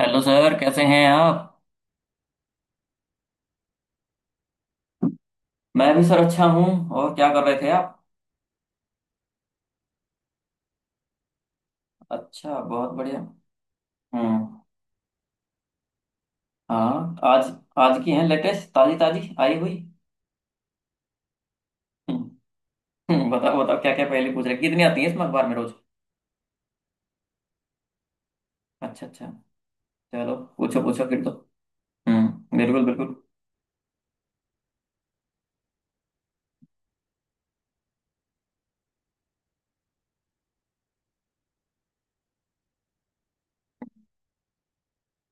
Hello sir कैसे हैं आप। मैं भी सर अच्छा हूँ। और क्या कर रहे थे आप। अच्छा बहुत बढ़िया। हम्म। हाँ आज, आज की है लेटेस्ट ताजी ताजी आई हुई। हम्म। बताओ बताओ क्या क्या पहले पूछ रहे कितनी आती है इसमें अखबार में रोज। अच्छा अच्छा। चलो पूछो पूछो फिर तो। हम्म, बिल्कुल बिल्कुल।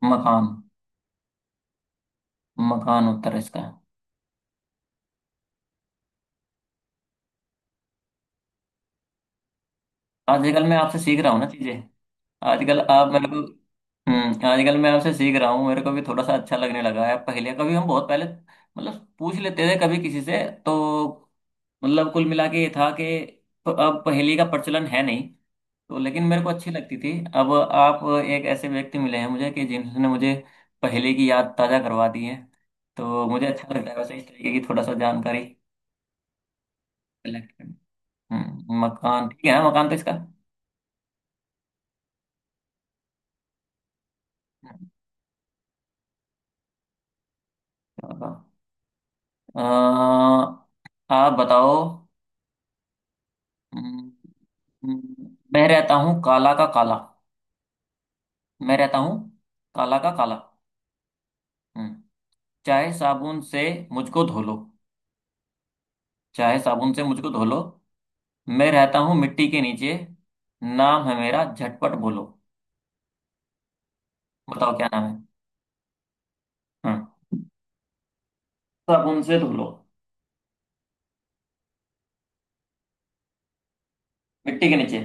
मकान। मकान उत्तर है इसका। आजकल मैं आपसे सीख रहा हूँ ना चीजें। आजकल आप मेरे को। हम्म, आजकल मैं आपसे सीख रहा हूँ, मेरे को भी थोड़ा सा अच्छा लगने लगा है। पहले कभी हम बहुत पहले मतलब पूछ लेते थे कभी किसी से। तो मतलब कुल मिला के ये था कि अब पहेली का प्रचलन है नहीं। तो लेकिन मेरे को अच्छी लगती थी। अब आप एक ऐसे व्यक्ति मिले हैं मुझे कि जिन्होंने मुझे पहेली की याद ताजा करवा दी है। तो मुझे अच्छा लगता है वैसे इस तरीके की थोड़ा सा जानकारी कलेक्ट करना। हम्म, मकान ठीक है, मकान तो इसका। हम्म, चलो। अ, आप बताओ। हम्म। मैं रहता हूँ काला का काला। मैं रहता हूँ काला का काला। हम्म, चाहे साबुन से मुझको धो लो। चाहे साबुन से मुझको धो लो। मैं रहता हूँ मिट्टी के नीचे, नाम है मेरा झटपट बोलो। बताओ क्या नाम है। हम्म, साबुन से धो लो। मिट्टी के नीचे।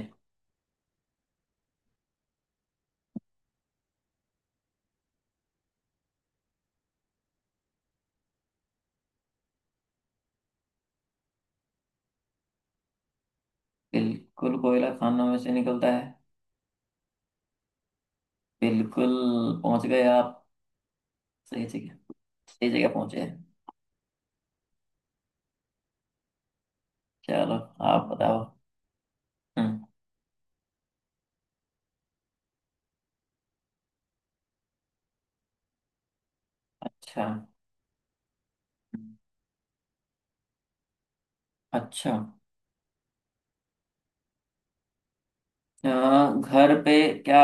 बिल्कुल कोयला खानों में से निकलता है। बिल्कुल। पहुंच गए आप। सही जगह, सही जगह पहुंचे। चलो। आप बताओ। हम्म, अच्छा। हम्म। अच्छा। अ, घर पे, क्या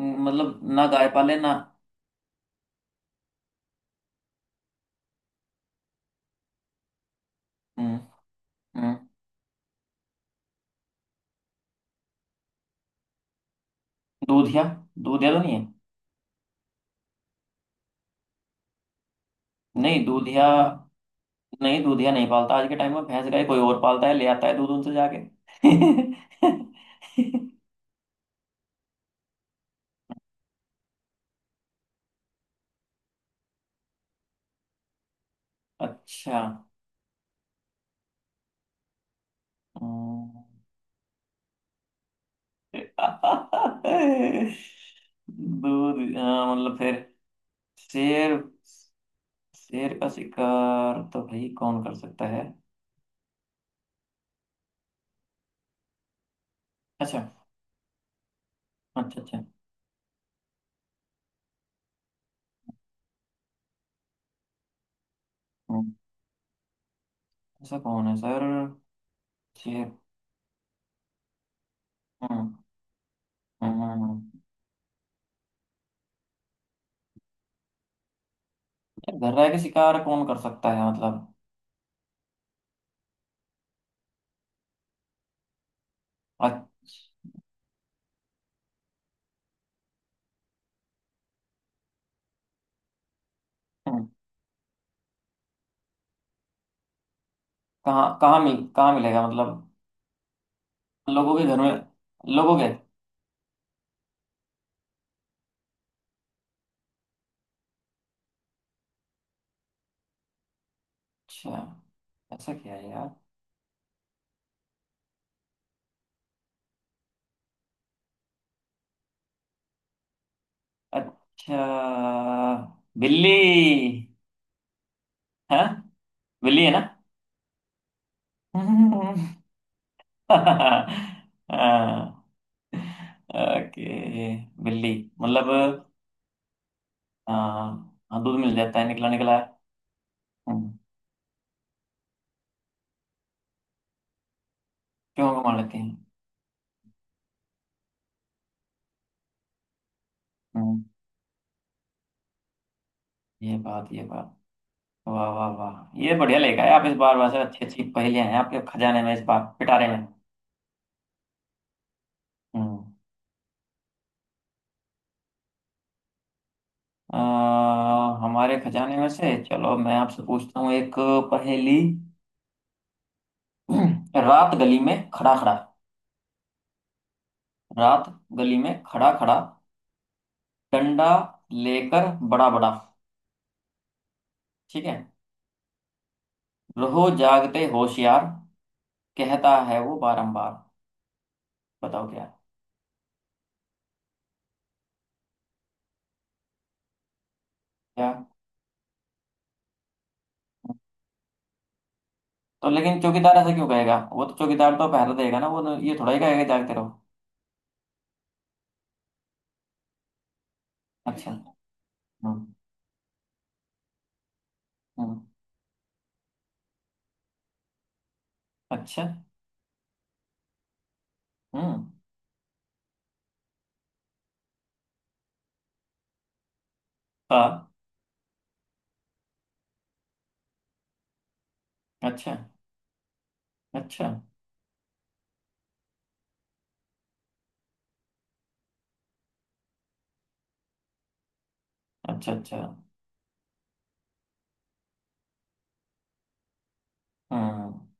मतलब, ना गाय पाले ना। हम्म। हम्म, दूधिया। दूधिया तो नहीं है। नहीं दूधिया। नहीं दूधिया नहीं पालता, आज के टाइम में भैंस गाय कोई और पालता है, ले आता है दूध उनसे जाके। अच्छा। हम्म, दूध। हाँ, मतलब फिर शेर, शेर का शिकार तो भाई कौन कर सकता है। अच्छा अच्छा। अच्छा। हम्म, ऐसा कौन है सर। शेर। हम्म। हम्म, यार घर रह के शिकार कौन कर सकता है मतलब। अच्छा। कहाँ कहाँ मिल, कहाँ मिलेगा मतलब। लोगों के घर में, लोगों के। अच्छा। ऐसा क्या है यार। अच्छा, बिल्ली है। बिल्ली है ना। हाँ। ओके। बिल्ली, मतलब। हाँ हाँ, दूध मिल जाता है, निकला निकला है। हम्म, क्यों को मार लेते हैं। हम्म, ये बात, ये बात, वाह वाह वाह, ये बढ़िया लेकर आए आप इस बार। वैसे अच्छी अच्छी पहेलियां हैं आपके खजाने में इस बार, पिटारे में। हम्म। अ, हमारे खजाने में से चलो मैं आपसे पूछता हूँ एक पहेली। रात गली में खड़ा खड़ा। रात गली में खड़ा खड़ा, डंडा लेकर बड़ा बड़ा, ठीक है, रहो जागते होशियार, कहता है वो बारंबार। बताओ क्या। क्या, तो लेकिन चौकीदार ऐसा क्यों कहेगा, वो तो चौकीदार तो पहरा देगा ना, वो तो ये थोड़ा ही कहेगा जागते रहो। अच्छा। हम्म। हम्म। अच्छा। हम्म। हाँ। अच्छा अच्छा। अच्छा अच्छा। हम्म।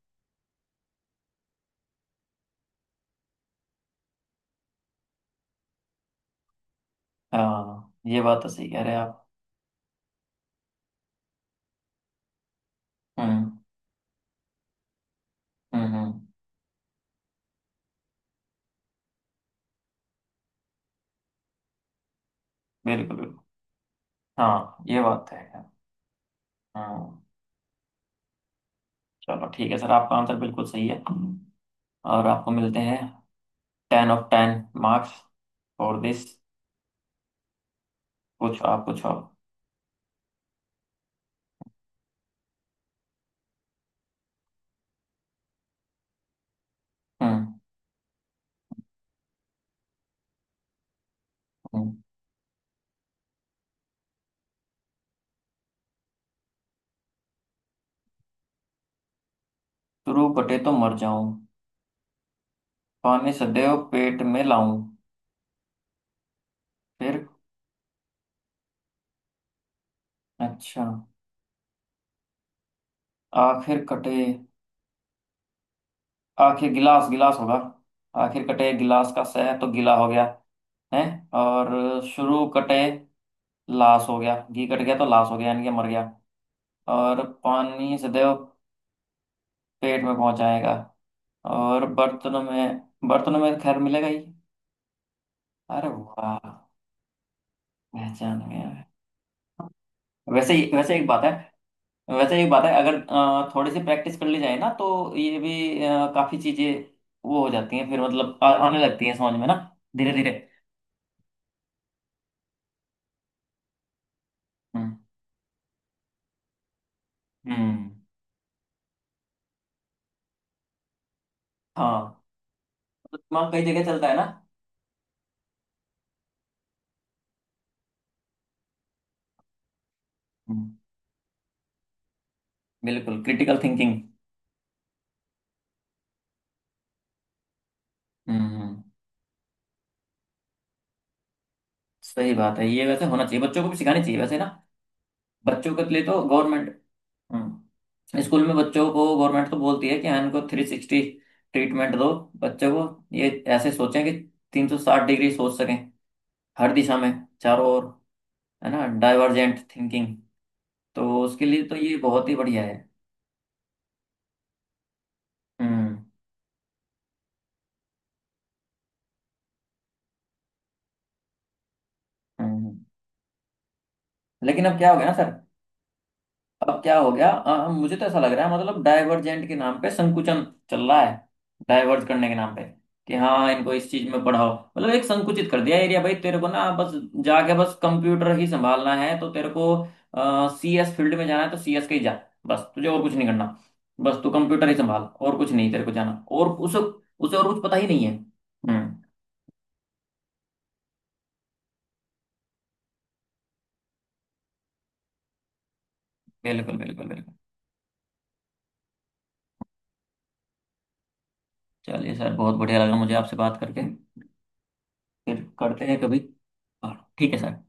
हाँ, ये बात तो सही कह रहे हैं आप। हम्म। हम्म। बिल्कुल बिल्कुल। हाँ, ये बात तो है। हम्म। चलो ठीक है सर, आपका आंसर बिल्कुल सही है। और आपको मिलते हैं। 10 ऑफ 10 मार्क्स फॉर दिस। पूछो आप, पूछो आप। हम्म। हम्म। शुरू बटे तो मर जाऊं, पानी सदैव पेट में लाऊं। फिर। अच्छा। आखिर कटे, आखिर गिलास, गिलास होगा। आखिर कटे गिलास का, सह तो गिला हो गया है। और शुरू कटे, लाश हो गया, घी कट गया तो लाश हो गया यानी कि मर गया। और पानी सदैव पेट में पहुंच जाएगा। और बर्तनों में, बर्तनों में खैर मिलेगा ही। अरे वाह, पहचान गया मैं। वैसे ही वैसे एक बात है वैसे एक बात है, अगर थोड़ी सी प्रैक्टिस कर ली जाए ना, तो ये भी काफी चीजें वो हो जाती हैं, फिर मतलब आने लगती हैं समझ में ना, धीरे धीरे। हम्म। हम्म। हाँ। तो दिमाग कई जगह चलता है ना। हम्म, बिल्कुल, क्रिटिकल थिंकिंग। हम्म। सही बात है, ये वैसे होना चाहिए, बच्चों को भी सिखानी चाहिए वैसे ना। बच्चों के लिए तो गवर्नमेंट। हम्म। स्कूल में बच्चों को गवर्नमेंट तो बोलती है कि हाँ इनको 360 ट्रीटमेंट दो, बच्चों को, ये ऐसे सोचें कि 360 डिग्री सोच सकें, हर दिशा में, चारों ओर, है ना, डाइवर्जेंट थिंकिंग। तो उसके लिए तो ये बहुत ही बढ़िया है। हम्म। हम्म। लेकिन अब क्या हो गया ना सर, अब क्या हो गया अ, मुझे तो ऐसा लग रहा है मतलब डाइवर्जेंट के नाम पे संकुचन चल रहा है, डाइवर्ज करने के नाम पे, कि हाँ इनको इस चीज में पढ़ाओ, मतलब एक संकुचित कर दिया एरिया, भाई तेरे को ना बस जाके बस कंप्यूटर ही संभालना है तो। तेरे को CS फील्ड में जाना है तो CS के ही जा, बस तुझे और कुछ नहीं करना, बस तू कंप्यूटर ही संभाल, और कुछ नहीं तेरे को जाना। और उसे उसे और कुछ पता ही नहीं है। हम्म। बिल्कुल बिल्कुल बिल्कुल। चलिए सर, बहुत बढ़िया लगा मुझे आपसे बात करके। फिर करते हैं कभी। और ठीक है सर।